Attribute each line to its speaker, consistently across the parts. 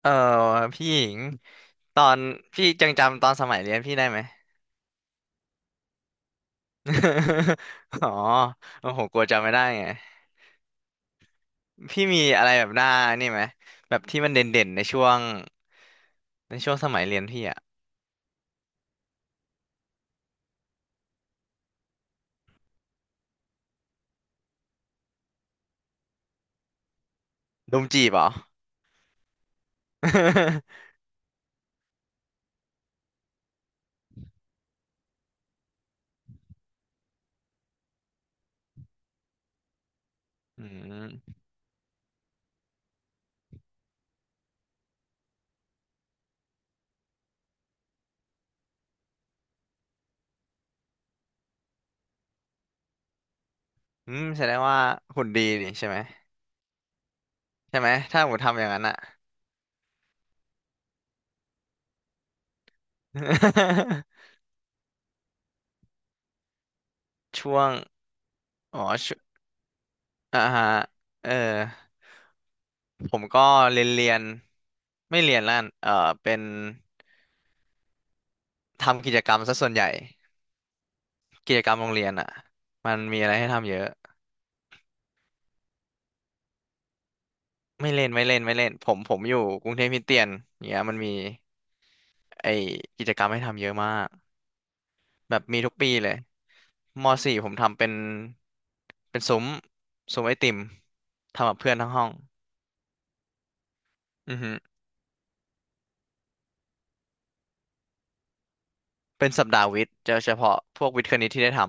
Speaker 1: เออพี่หญิงตอนพี่ยังจำตอนสมัยเรียนพี่ได้ไหม อ๋อโอ้โหกลัวจำไม่ได้ไงพี่มีอะไรแบบหน้านี่ไหมแบบที่มันเด่นๆในช่วงในช่วงสมัยเรียนพี่อะดมจีบเหรอ อืมอืมแสดงว่าหุ่นดีนี่ใช่ไหมใช่ไหมถ้าผมทำอย่างนั้นอะ ช่วงอ๋อช่วงอ่าฮะเออผมก็เรียนเรียนไม่เรียนแล้วกันเออเป็นทำกิจกรรมซะส่วนใหญ่ กิจกรรมโรงเรียนอ่ะมันมีอะไรให้ทำเยอะไม่เล่นไม่เล่นไม่เล่นผมผมอยู่กรุงเทพคริสเตียนเนี่ยมันมีไอกิจกรรมให้ทำเยอะมากแบบมีทุกปีเลยมสี่ผมทำเป็นเป็นซุ้มซุ้มไอติมทำกับเพื่อนทั้งห้องอือฮึเป็นสัปดาห์วิทย์จะเฉพาะพวกวิทย์คณิตที่ได้ท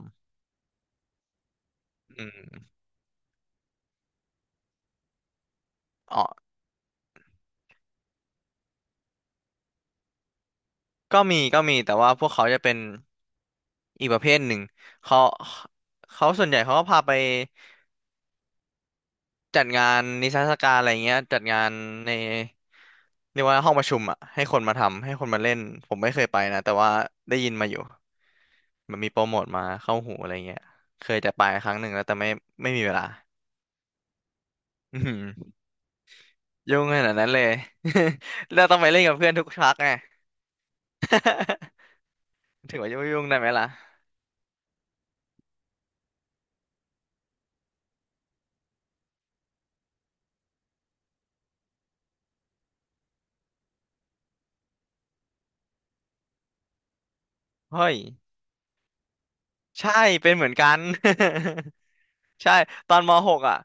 Speaker 1: ำอืมอ๋อก็มีก็มีแต่ว่าพวกเขาจะเป็นอีกประเภทหนึ่งเขาเขาส่วนใหญ่เขาก็พาไป จัดงานนิทรรศการอะไรเงี้ยจัดงานในเรียกว่าห้องประชุมอ่ะให้คนมาทำให้คนมาเล่นผมไม่เคยไปนะแต่ว่าได้ยินมาอยู่มันมีโปรโมทมาเข้าหูอะไรเงี้ยเคยจะไปครั้งหนึ่งแล้วแต่ไม่ไม่มีเวลา อือหือยุ่งขนาดนั้นเลย เราต้องไปเล่นกับเพื่อนทุกชักไง ถึงว่าจะไม่ยุ่งได้ไหมล่ะเฮ้ยใช่เป็นเหมือนกัน ใช่ตอนม .6 อ่ะ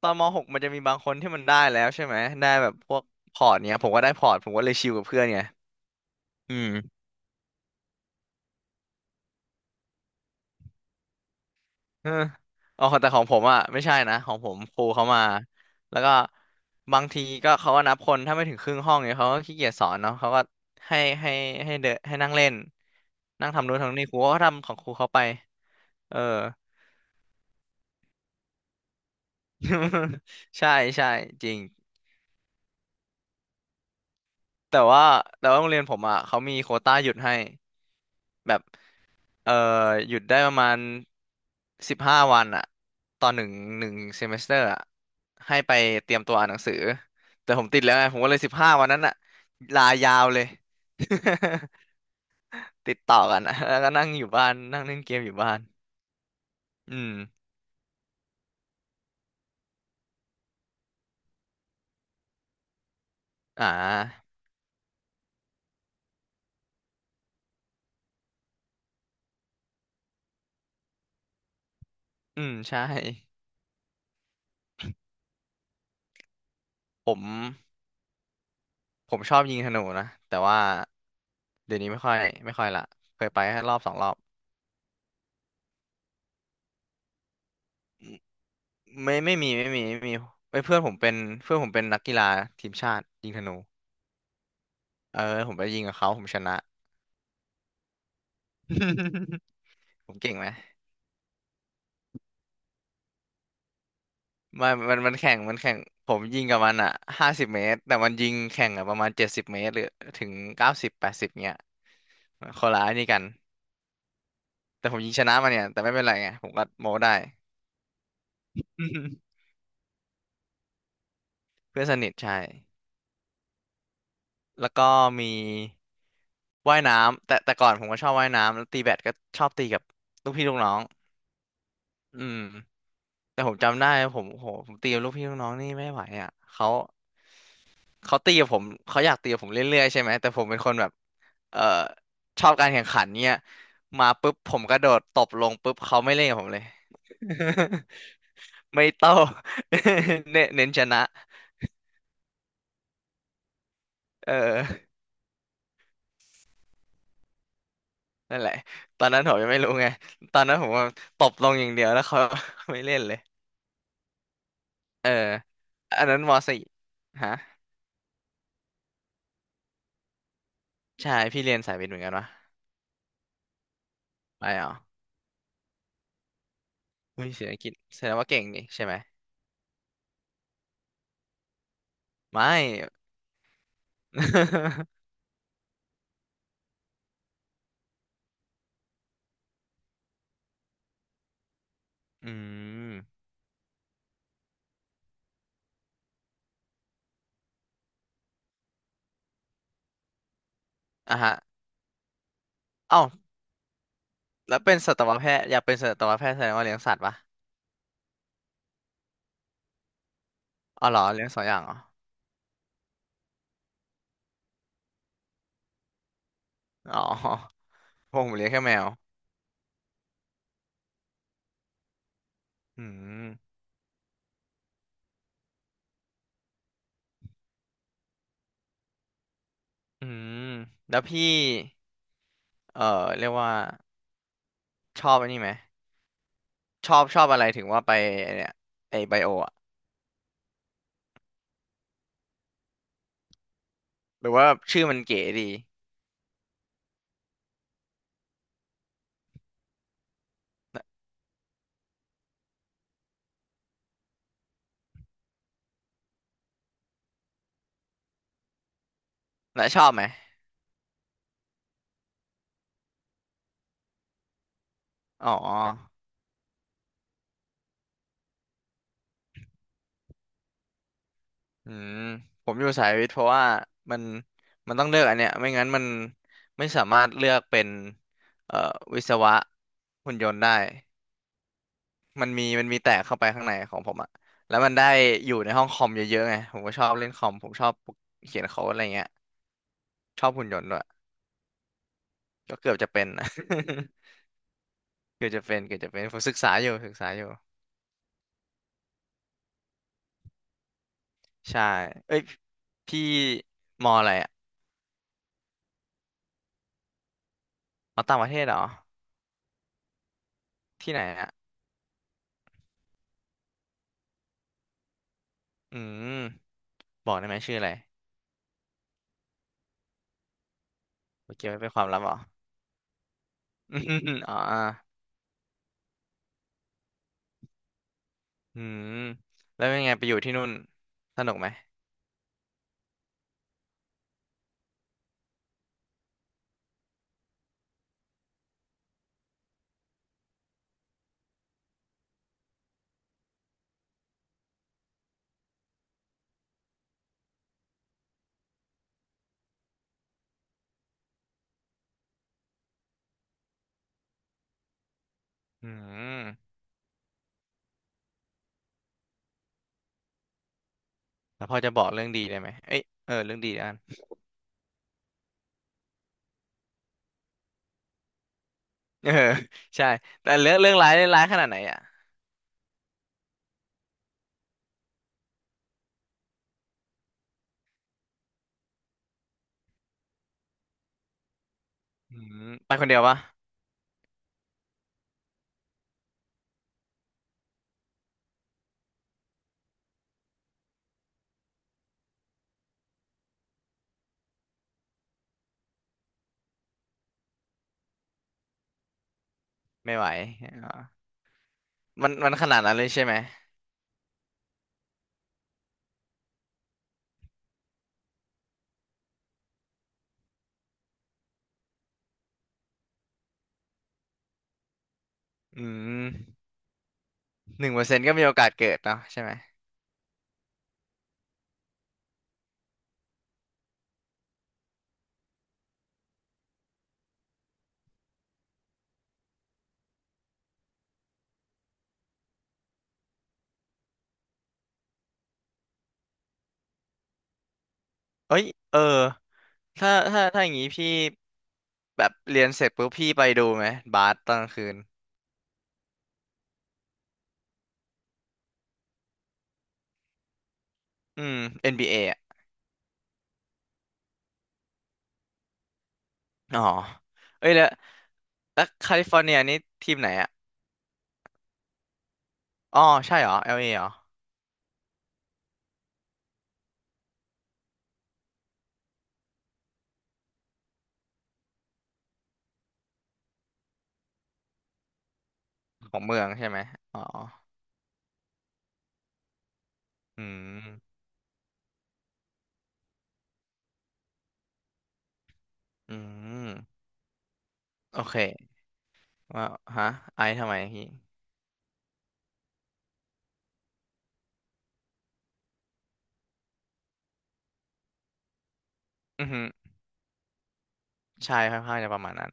Speaker 1: ตอนม .6 มันจะมีบางคนที่มันได้แล้วใช่ไหมได้แบบพวกพอร์ตเนี้ยผมก็ได้พอร์ตผมก็เลยชิลกับเพื่อนไงอืมเอออ๋อแต่ของผมอ่ะไม่ใช่นะของผมครูเขามาแล้วก็บางทีก็เขาก็นับคนถ้าไม่ถึงครึ่งห้องเนี่ยเขาก็ขี้เกียจสอนเนาะเขาก็ให้ให้ให้เดนให้นั่งเล่นนั่งทำนู้นทำนี่ครูก็ทำของครูเขาไปเออ ใช่ใช่จริงแต่ว่าแต่ว่าโรงเรียนผมอ่ะเขามีโควต้าหยุดให้แบบ เอ่อหยุดได้ประมาณสิบห้าวันอะตอนหนึ่งหนึ่งเซมิสเตอร์อะให้ไปเตรียมตัวอ่านหนังสือแต่ผมติดแล้วไงผมก็เลยสิบห้าวันนั้นอะลายาวเลย ติดต่อกันอะแล้วก็นั่งอยู่บ้านนั่งเล่นเกมอยู่บ้านอืมอ่าอืมใช่ผมผมชอบยิงธนูนะแต่ว่าเดี๋ยวนี้ไม่ค่อยไม่ค่อยละเคยไปแค่รอบสองรอบไม่ไม่มีไม่มีไม่มีเอ้ยเพื่อนผมเป็นเพื่อนผมเป็นนักกีฬาทีมชาติยิงธนู เออผมไปยิงกับเขาผมชนะ ผมเก่งไหมมันมันมันแข่งมันแข่งผมยิงกับมันอ่ะ50 เมตรแต่มันยิงแข่งอ่ะประมาณ70 เมตรหรือถึง9080เนี้ยคนละไอ้นี่กันแต่ผมยิงชนะมันเนี่ยแต่ไม่เป็นไรไงผมก็โม้ได้ เพื่อนสนิทใช่แล้วก็มีว่ายน้ำแต่แต่ก่อนผมก็ชอบว่ายน้ำแล้วตีแบดก็ชอบตีกับลูกพี่ลูกน้องอืมแต่ผมจำได้ผมโหผมตีกับลูกพี่ลูกน้องนี่ไม่ไหวอ่ะเขา เขาตีกับผมเขาอยากตีกับผมเรื่อยๆใช่ไหมแต่ผมเป็นคนแบบเอ่อชอบการแข่งขันเนี่ยมาปุ๊บผมกระโดดตบลงปุ๊บเขาไม่เล่นกับผมเลย ไม่โต้ เน้นเน้นชนะเออนั่นแหละตอนนั้นผมยังไม่รู้ไงตอนนั้นผมว่าตบลงอย่างเดียวแล้วเขา ไม่เล่นเลยเอออันนั้นมสี่ฮะใช่พี่เรียนสายวิทย์เหมือนกันวะไม่เหรออุ้ยเศรษฐกิจแสดงว่าเก่งนี่ใช่ไหมไม่ อืมอ่ะฮะเอ้า แล้วเป็นสัตวแพทย์อยากเป็นสัตวแพทย์แสดงว่าเลี้ยงสัตว์ปะอ๋อเหรอเลี้ยงสองอย่างเหรออ๋อ พวกผมเลี้ยงแค่แมวอืมอืมแล้วพี่เอ่อเรียกว่าชอบอันนี้ไหมชอบชอบอะไรถึงว่าไปไอ้เนี่ยไอไบโออะหรือว่าชื่อมันเก๋ดีและชอบไหมอ๋ออืมผมอยู่สายวิทย์เพราะว่ามันมันต้องเลือกอันเนี้ยไม่งั้นมันไม่สามารถเลือกเป็นเอ่อวิศวะหุ่นยนต์ได้ มันมีมันมีแตกเข้าไปข้างในของผมอะแล้วมันได้อยู่ในห้องคอมเยอะๆไงผมก็ชอบเล่นคอมผมชอบเขียนโค้ดอะไรเงี้ยชอบหุ่นยนต์ด้วยก็เกือบจะเป็นนะ เกือบจะเป็นเกือบจะเป็นผมศึกษาอยู่ศึกษาอยู่ใช่เอ้ยพี่มออะไรอะมอต่างประเทศเหรอที่ไหนอะอืมบอกได้ไหมชื่ออะไรโอเคไม่เป็นความลับเหรออืมอม อ๋ออ่าอืมแล้วเป็นไงไปอยู่ที่นู่นสนุกไหมอืมแล้วพอจะบอกเรื่องดีได้ไหมเอ้ยเออเรื่องดีได้ เออ ใช่แต่เรื่องเรื่องร้ายร้ายขนาดไหนอ่ะอืมไปคนเดียวปะไม่ไหวออมันมันขนาดนั้นเลยใช่ไหมอืม1%ก็มีโอกาสเกิดเนาะใช่ไหมเอ้ยเออถ้าถ้าถ้าอย่างงี้พี่แบบเรียนเสร็จปุ๊บพี่ไปดูไหมบาสตอนกลางคืนอืม NBA อนบีเออ่ะอ๋อเอ้ยแล้วแล้วแคลิฟอร์เนียนี่ทีมไหนอ่ะอ๋อใช่เหรอ LA เอเหรอของเมืองใช่ไหมอ๋ออืมอืมโอเคว่าฮะไอซ์ทำไมพี่ อือฮึใช่ค่อนข้างจะประมาณนั้น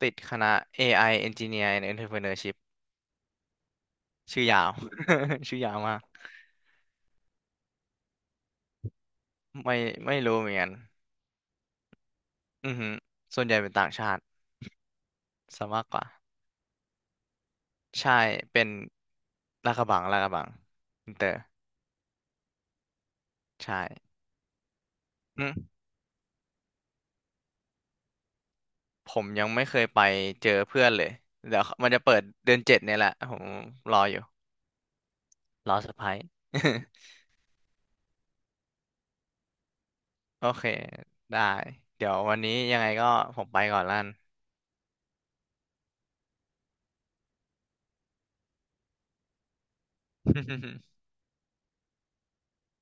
Speaker 1: ติดคณะ AI Engineer and Entrepreneurship ชื่อยาว ชื่อยาวมากไม่ไม่รู้เหมือนกันอือฮึส่วนใหญ่เป็นต่างชาติซะมากกว่าใช่เป็นลาดกระบังลาดกระบังอินเตอร์ใช่อืมผมยังไม่เคยไปเจอเพื่อนเลยเดี๋ยวมันจะเปิดเดือน 7เนี่ยแหละผมรออยู่รอเซอร์ไพรส์ โอเคได้เดี๋ยววันนี้ยังไงก็ผมไปก่อนละกัน